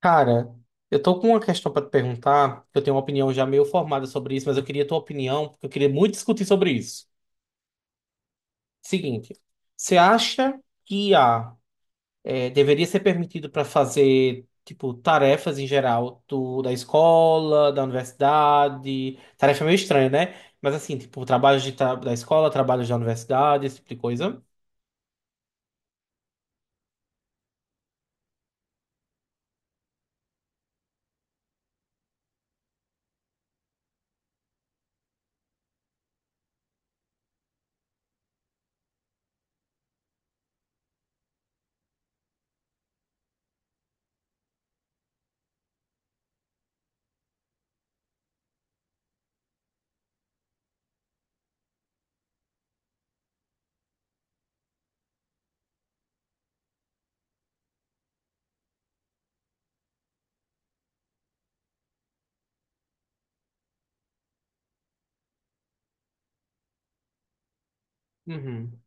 Cara, eu tô com uma questão pra te perguntar, que eu tenho uma opinião já meio formada sobre isso, mas eu queria a tua opinião, porque eu queria muito discutir sobre isso. Seguinte, você acha que IA deveria ser permitido para fazer, tipo, tarefas em geral da escola, da universidade. Tarefa meio estranha, né? Mas assim, tipo, trabalhos da escola, trabalhos da universidade, esse tipo de coisa. Uhum.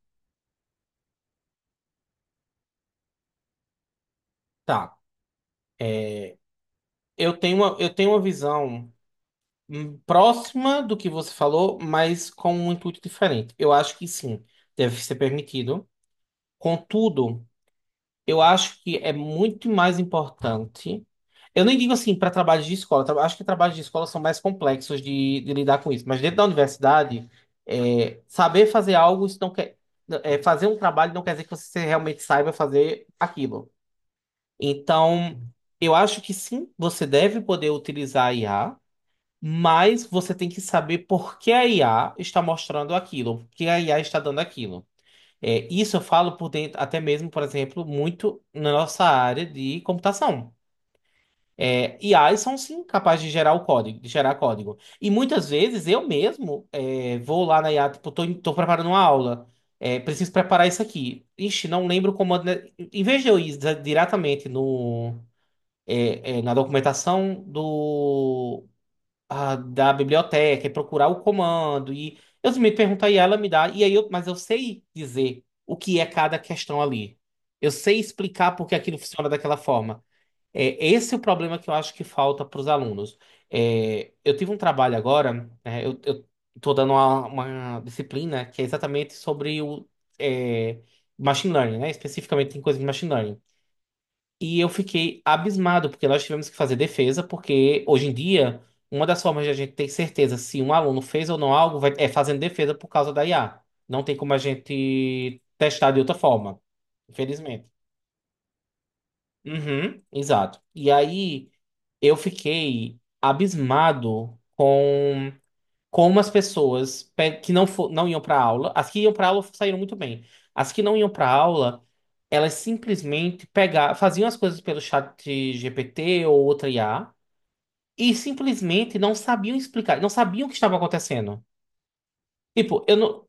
Tá. É, eu tenho uma visão. Próxima do que você falou, mas com um intuito diferente. Eu acho que sim, deve ser permitido. Contudo, eu acho que é muito mais importante. Eu nem digo assim para trabalhos de escola, acho que trabalhos de escola são mais complexos de lidar com isso, mas dentro da universidade, saber fazer algo, isso não quer, é, fazer um trabalho não quer dizer que você realmente saiba fazer aquilo. Então, eu acho que sim, você deve poder utilizar a IA, mas você tem que saber por que a IA está mostrando aquilo, por que a IA está dando aquilo. Isso eu falo por dentro, até mesmo, por exemplo, muito na nossa área de computação. IAs são sim capazes de gerar o código, de gerar código. E muitas vezes eu mesmo vou lá na IA, tipo, tô preparando uma aula, preciso preparar isso aqui. Ixi, não lembro o comando. Né? Em vez de eu ir diretamente no, é, é, na documentação da biblioteca e procurar o comando. E eu me pergunto aí, ela me dá. E aí mas eu sei dizer o que é cada questão ali. Eu sei explicar por que aquilo funciona daquela forma. Esse é o problema que eu acho que falta para os alunos. Eu tive um trabalho agora, né, eu tô dando uma disciplina que é exatamente sobre o é, machine learning, né? Especificamente em coisas de machine learning. E eu fiquei abismado, porque nós tivemos que fazer defesa, porque hoje em dia, uma das formas de a gente ter certeza se um aluno fez ou não algo é fazendo defesa por causa da IA. Não tem como a gente testar de outra forma, infelizmente. Uhum, exato. E aí eu fiquei abismado com como as pessoas que não, não iam para aula, as que iam para aula saíram muito bem. As que não iam para aula, elas simplesmente pegavam, faziam as coisas pelo chat GPT ou outra IA e simplesmente não sabiam explicar, não sabiam o que estava acontecendo. Tipo, eu não.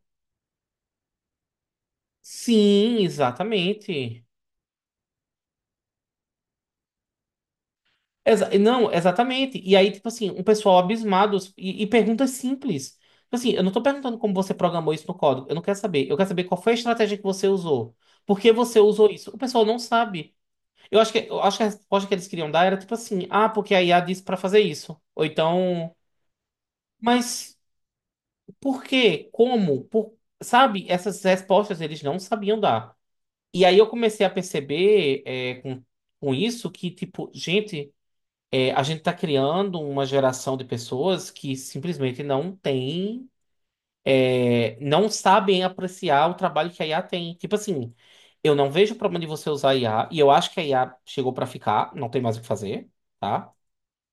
Sim, exatamente. Não, exatamente. E aí, tipo assim, um pessoal abismado e perguntas simples. Tipo assim, eu não tô perguntando como você programou isso no código. Eu não quero saber. Eu quero saber qual foi a estratégia que você usou. Por que você usou isso? O pessoal não sabe. Eu acho que a resposta que eles queriam dar era tipo assim: ah, porque a IA disse pra fazer isso. Ou então, mas por quê? Como? Por... Sabe? Essas respostas eles não sabiam dar. E aí eu comecei a perceber, com isso que, tipo, a gente está criando uma geração de pessoas que simplesmente não sabem apreciar o trabalho que a IA tem. Tipo assim, eu não vejo problema de você usar a IA, e eu acho que a IA chegou para ficar, não tem mais o que fazer, tá?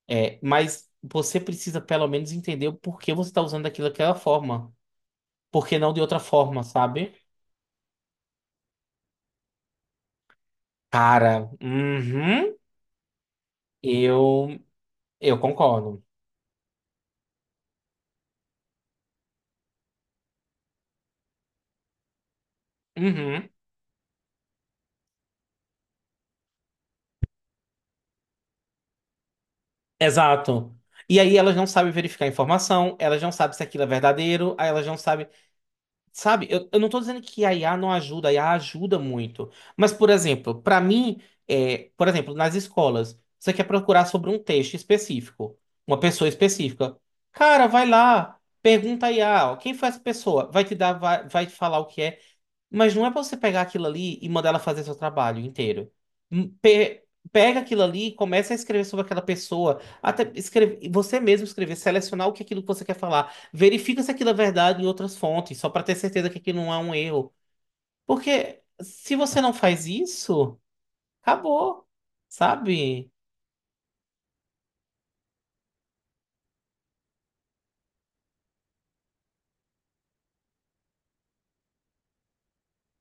Mas você precisa pelo menos entender o porquê você está usando daquilo daquela forma. Por que não de outra forma, sabe? Cara, uhum, eu, eu concordo. Uhum. Exato. E aí elas não sabem verificar a informação, elas não sabem se aquilo é verdadeiro, aí elas não sabem. Sabe, eu não tô dizendo que a IA não ajuda, a IA ajuda muito. Mas, por exemplo, para mim, por exemplo, nas escolas, você quer procurar sobre um texto específico, uma pessoa específica. Cara, vai lá, pergunta a IA, ó, quem foi essa pessoa? Vai te dar, vai te falar o que é. Mas não é pra você pegar aquilo ali e mandar ela fazer seu trabalho inteiro. Hum, pe- Pega aquilo ali e começa a escrever sobre aquela pessoa. Até escrever, você mesmo escrever, selecionar o que é aquilo que você quer falar. Verifica se aquilo é verdade em outras fontes, só pra ter certeza que aquilo não é um erro. Porque se você não faz isso, acabou. Sabe?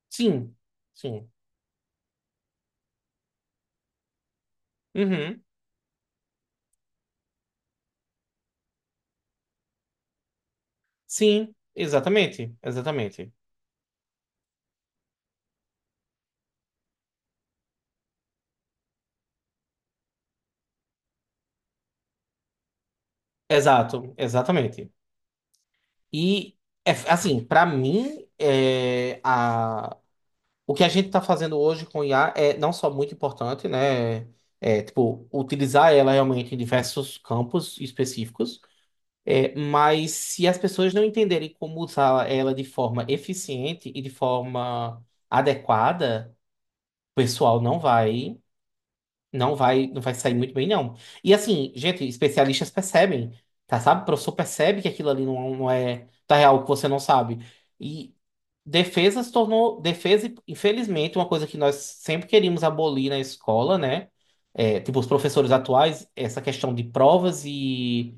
Sim. Sim. Uhum. Sim, exatamente. Exatamente. Exato, exatamente. E assim, pra mim, o que a gente está fazendo hoje com IA é não só muito importante, né? Tipo, utilizar ela realmente em diversos campos específicos, mas se as pessoas não entenderem como usar ela de forma eficiente e de forma adequada, o pessoal não vai. Não vai, não vai sair muito bem, não. E assim, gente, especialistas percebem, tá? Sabe? O professor percebe que aquilo ali não, não é, tá real, que você não sabe. E defesa se tornou, defesa, infelizmente, uma coisa que nós sempre queríamos abolir na escola, né? Tipo, os professores atuais, essa questão de provas e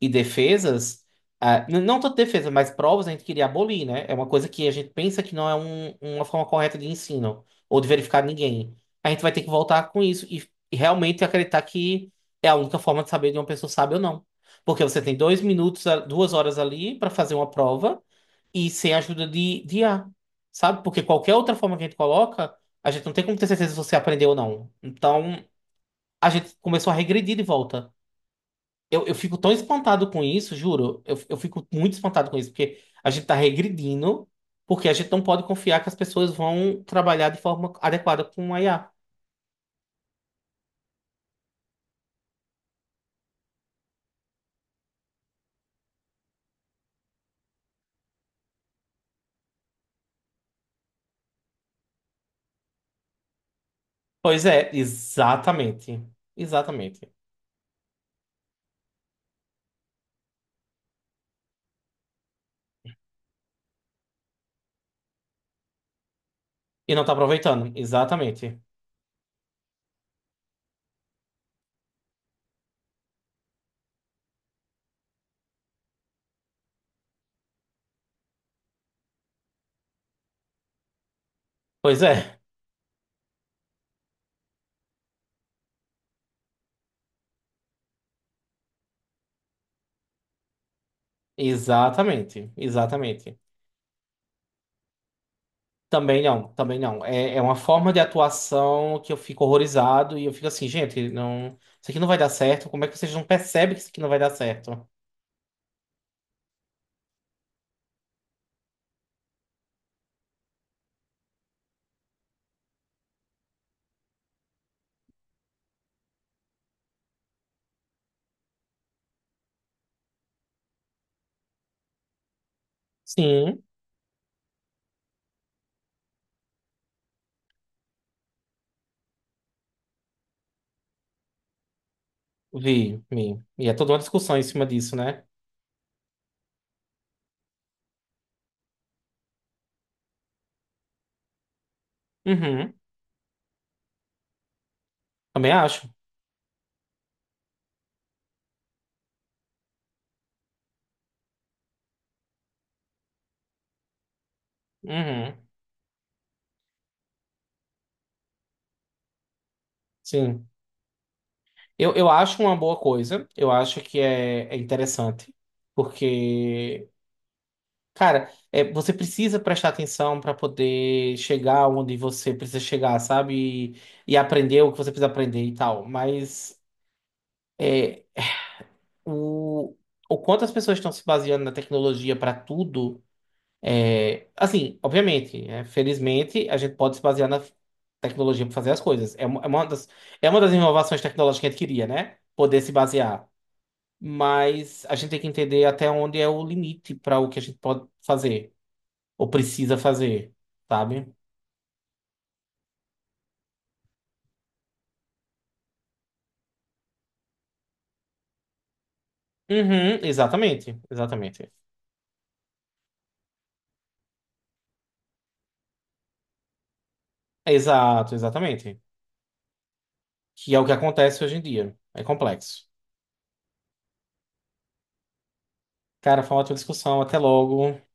e defesas, não tanto defesa, mas provas a gente queria abolir, né? É uma coisa que a gente pensa que não é uma forma correta de ensino ou de verificar ninguém. A gente vai ter que voltar com isso e realmente acreditar que é a única forma de saber de uma pessoa sabe ou não. Porque você tem 2 minutos, 2 horas ali para fazer uma prova e sem a ajuda de IA, sabe? Porque qualquer outra forma que a gente coloca, a gente não tem como ter certeza se você aprendeu ou não. Então, a gente começou a regredir de volta. Eu fico tão espantado com isso, juro. Eu fico muito espantado com isso, porque a gente tá regredindo, porque a gente não pode confiar que as pessoas vão trabalhar de forma adequada com a IA. Pois é, exatamente. Exatamente. E não tá aproveitando. Exatamente. Pois é, exatamente. Exatamente. Também não, também não. É uma forma de atuação que eu fico horrorizado e eu fico assim, gente, não, isso aqui não vai dar certo. Como é que vocês não percebem que isso aqui não vai dar certo? Sim. Vi, vi. E é toda uma discussão em cima disso, né? Uhum. Também acho. Uhum. Sim. Eu acho uma boa coisa. Eu acho que é interessante. Porque, cara, você precisa prestar atenção para poder chegar onde você precisa chegar, sabe? E aprender o que você precisa aprender e tal. Mas é, o, o quanto as pessoas estão se baseando na tecnologia para tudo. Assim, obviamente, felizmente, a gente pode se basear na tecnologia para fazer as coisas. É uma das inovações tecnológicas que a gente queria, né? Poder se basear. Mas a gente tem que entender até onde é o limite para o que a gente pode fazer ou precisa fazer, sabe? Uhum, exatamente, exatamente. Exato, exatamente. Que é o que acontece hoje em dia. É complexo. Cara, foi uma ótima discussão. Até logo.